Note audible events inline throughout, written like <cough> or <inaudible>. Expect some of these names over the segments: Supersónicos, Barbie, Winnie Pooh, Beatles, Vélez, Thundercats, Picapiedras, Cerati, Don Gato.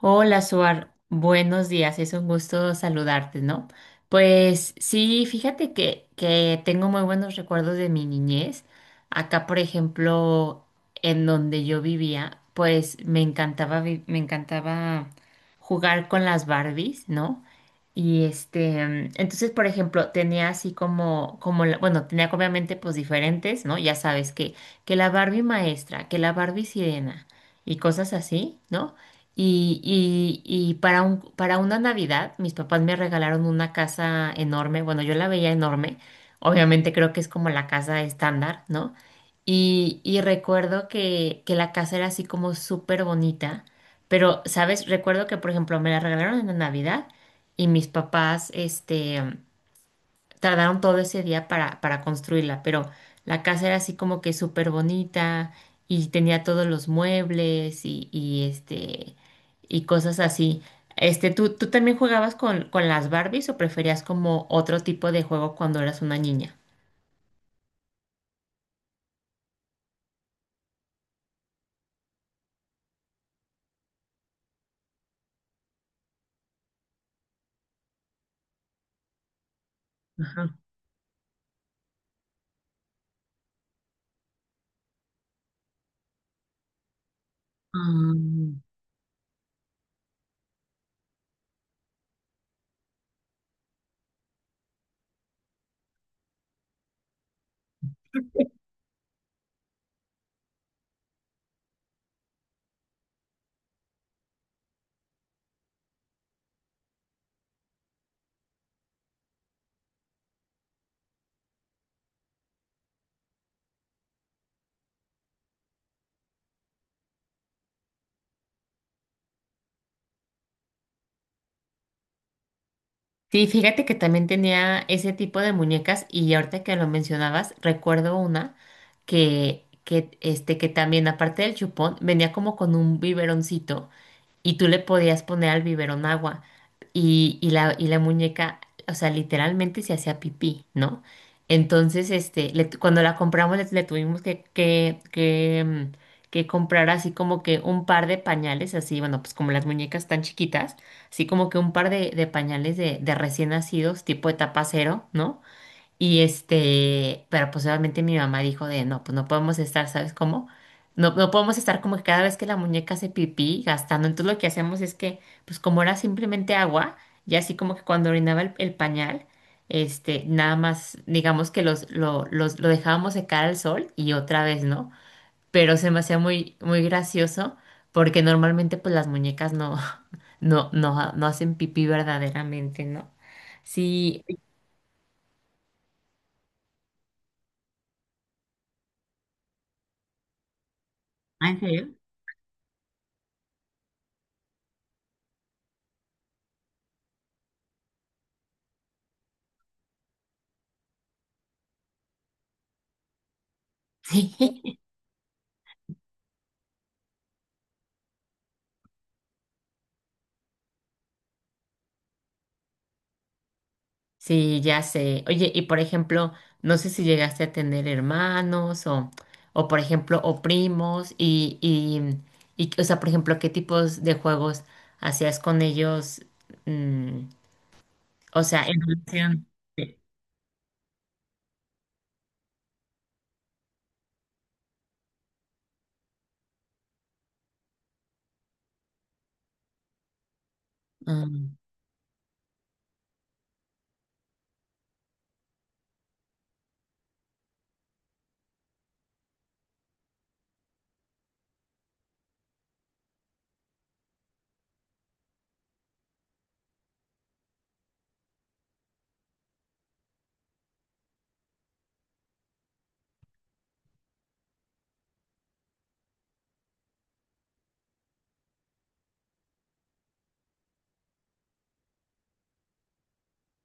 Hola, Suar. Buenos días. Es un gusto saludarte, ¿no? Pues sí, fíjate que tengo muy buenos recuerdos de mi niñez. Acá, por ejemplo, en donde yo vivía, pues me encantaba jugar con las Barbies, ¿no? Y entonces, por ejemplo, tenía así bueno, tenía obviamente pues diferentes, ¿no? Ya sabes que la Barbie maestra, que la Barbie sirena y cosas así, ¿no? Y para una Navidad, mis papás me regalaron una casa enorme. Bueno, yo la veía enorme. Obviamente creo que es como la casa estándar, ¿no? Y recuerdo que la casa era así como súper bonita. Pero, ¿sabes? Recuerdo que, por ejemplo, me la regalaron en la Navidad y mis papás, tardaron todo ese día para construirla, pero la casa era así como que súper bonita y tenía todos los muebles y y cosas así. ¿Tú también jugabas con las Barbies o preferías como otro tipo de juego cuando eras una niña? Ajá. Ah, sí, fíjate que también tenía ese tipo de muñecas y ahorita que lo mencionabas, recuerdo una que también aparte del chupón venía como con un biberoncito y tú le podías poner al biberón agua y la muñeca, o sea, literalmente se hacía pipí, ¿no? Entonces, cuando la compramos le tuvimos que comprar así como que un par de pañales, así, bueno, pues como las muñecas tan chiquitas así como que un par de pañales de recién nacidos, tipo etapa cero, ¿no? Pero pues obviamente mi mamá dijo de, no, pues no podemos estar, ¿sabes cómo? No, no podemos estar como que cada vez que la muñeca hace pipí gastando. Entonces lo que hacemos es que, pues como era simplemente agua, y así como que cuando orinaba el pañal, nada más, digamos que lo dejábamos secar al sol y otra vez, ¿no? Pero se me hacía muy, muy gracioso porque normalmente pues las muñecas no, <laughs> no, no, no hacen pipí verdaderamente, ¿no? Sí. Ah, ¿en serio? <laughs> Sí. Sí, ya sé. Oye, y por ejemplo, no sé si llegaste a tener hermanos o por ejemplo, o primos y, o sea, por ejemplo, ¿qué tipos de juegos hacías con ellos? Mm, o sea, en relación. Sí.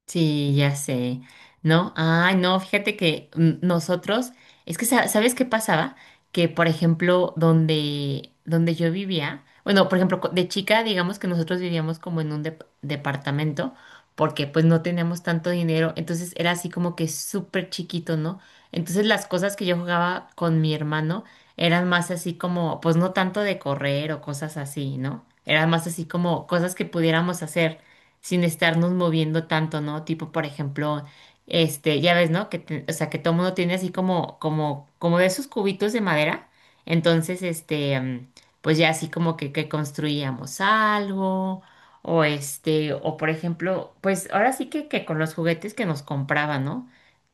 Sí, ya sé. No, ay, no, fíjate que mm, nosotros, es que sa- ¿Sabes qué pasaba? Que, por ejemplo, donde yo vivía, bueno, por ejemplo, de chica, digamos que nosotros vivíamos como en un departamento, porque pues no teníamos tanto dinero, entonces era así como que súper chiquito, ¿no? Entonces las cosas que yo jugaba con mi hermano eran más así como, pues no tanto de correr o cosas así, ¿no? Eran más así como cosas que pudiéramos hacer sin estarnos moviendo tanto, ¿no? Tipo, por ejemplo, ya ves, ¿no? Que, o sea, que todo mundo tiene así como de esos cubitos de madera. Entonces, pues ya así como que construíamos algo, o o por ejemplo, pues ahora sí que con los juguetes que nos compraban, ¿no?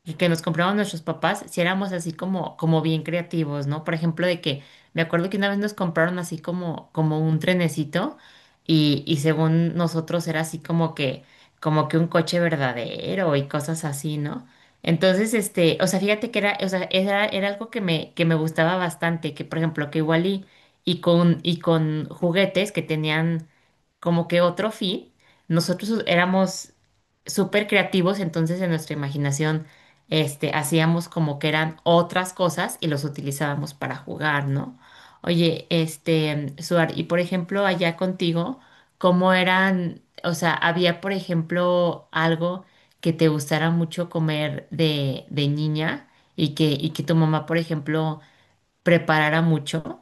Y que nos compraban nuestros papás, si éramos así como bien creativos, ¿no? Por ejemplo, de que me acuerdo que una vez nos compraron así como un trenecito y según nosotros era así como que un coche verdadero y cosas así, ¿no? Entonces, o sea, fíjate que era, o sea, era, era algo que me gustaba bastante, que por ejemplo, que igual y con juguetes que tenían como que otro fin, nosotros éramos súper creativos, entonces en nuestra imaginación, hacíamos como que eran otras cosas y los utilizábamos para jugar, ¿no? Oye, Suar, y por ejemplo, allá contigo, ¿cómo eran? O sea, ¿había, por ejemplo, algo que te gustara mucho comer de niña y que tu mamá, por ejemplo, preparara mucho?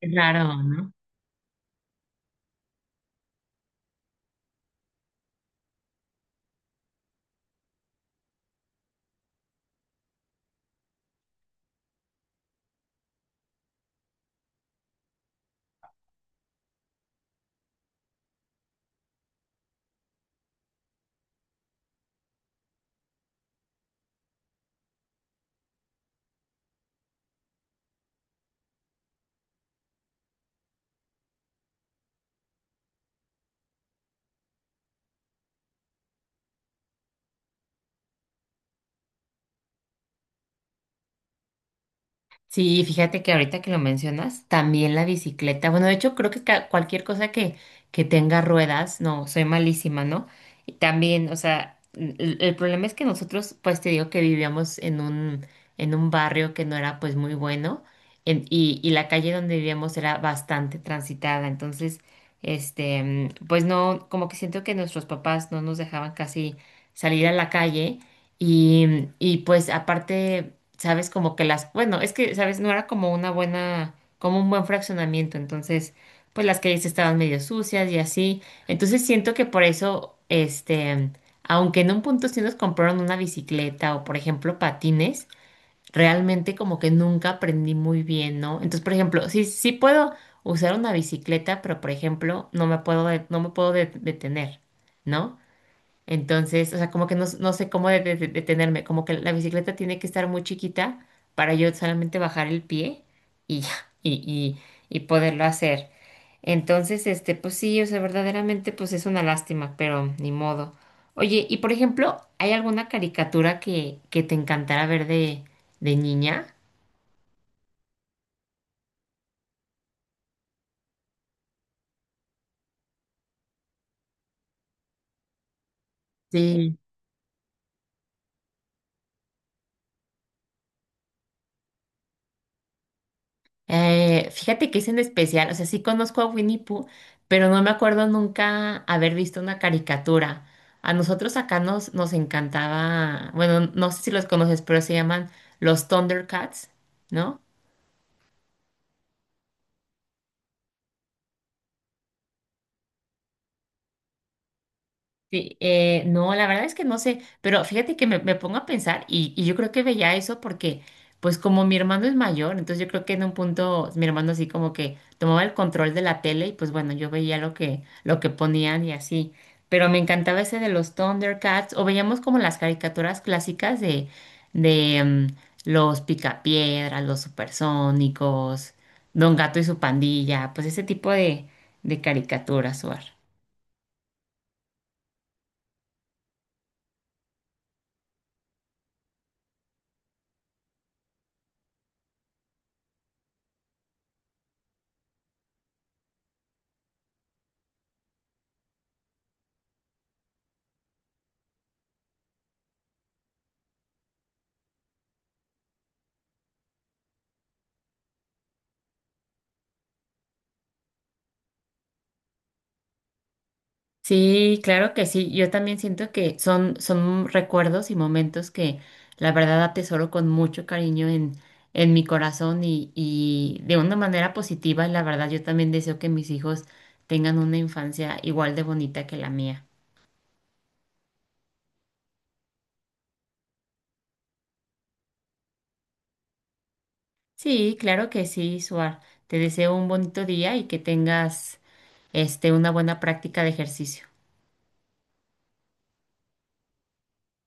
Qué raro, ¿no? Sí, fíjate que ahorita que lo mencionas, también la bicicleta. Bueno, de hecho, creo que cualquier cosa que tenga ruedas, no, soy malísima, ¿no? Y también, o sea, el problema es que nosotros, pues te digo que vivíamos en un barrio que no era pues muy bueno y la calle donde vivíamos era bastante transitada. Entonces, pues no, como que siento que nuestros papás no nos dejaban casi salir a la calle. Y pues aparte, sabes, como que bueno, es que, sabes, no era como como un buen fraccionamiento, entonces, pues las calles estaban medio sucias y así. Entonces siento que por eso, aunque en un punto sí nos compraron una bicicleta o, por ejemplo, patines, realmente como que nunca aprendí muy bien, ¿no? Entonces, por ejemplo, sí, sí puedo usar una bicicleta, pero, por ejemplo, no me puedo detener, ¿no? Entonces, o sea, como que no, no sé cómo detenerme, como que la bicicleta tiene que estar muy chiquita para yo solamente bajar el pie y ya, y, y, y, poderlo hacer. Entonces, pues sí, o sea, verdaderamente, pues es una lástima, pero ni modo. Oye, y por ejemplo, ¿hay alguna caricatura que te encantara ver de niña? Sí. Fíjate que es en especial, o sea, sí conozco a Winnie Pooh, pero no me acuerdo nunca haber visto una caricatura. A nosotros acá nos encantaba, bueno, no sé si los conoces, pero se llaman los Thundercats, ¿no? Sí, no, la verdad es que no sé, pero fíjate que me pongo a pensar y yo creo que veía eso porque, pues como mi hermano es mayor, entonces yo creo que en un punto mi hermano así como que tomaba el control de la tele y pues bueno, yo veía lo que ponían y así, pero me encantaba ese de los Thundercats o veíamos como las caricaturas clásicas de los Picapiedras, los Supersónicos, Don Gato y su pandilla, pues ese tipo de caricaturas, Suar. Sí, claro que sí. Yo también siento que son recuerdos y momentos que la verdad atesoro con mucho cariño en mi corazón y de una manera positiva. Y la verdad, yo también deseo que mis hijos tengan una infancia igual de bonita que la mía. Sí, claro que sí, Suar. Te deseo un bonito día y que tengas una buena práctica de ejercicio.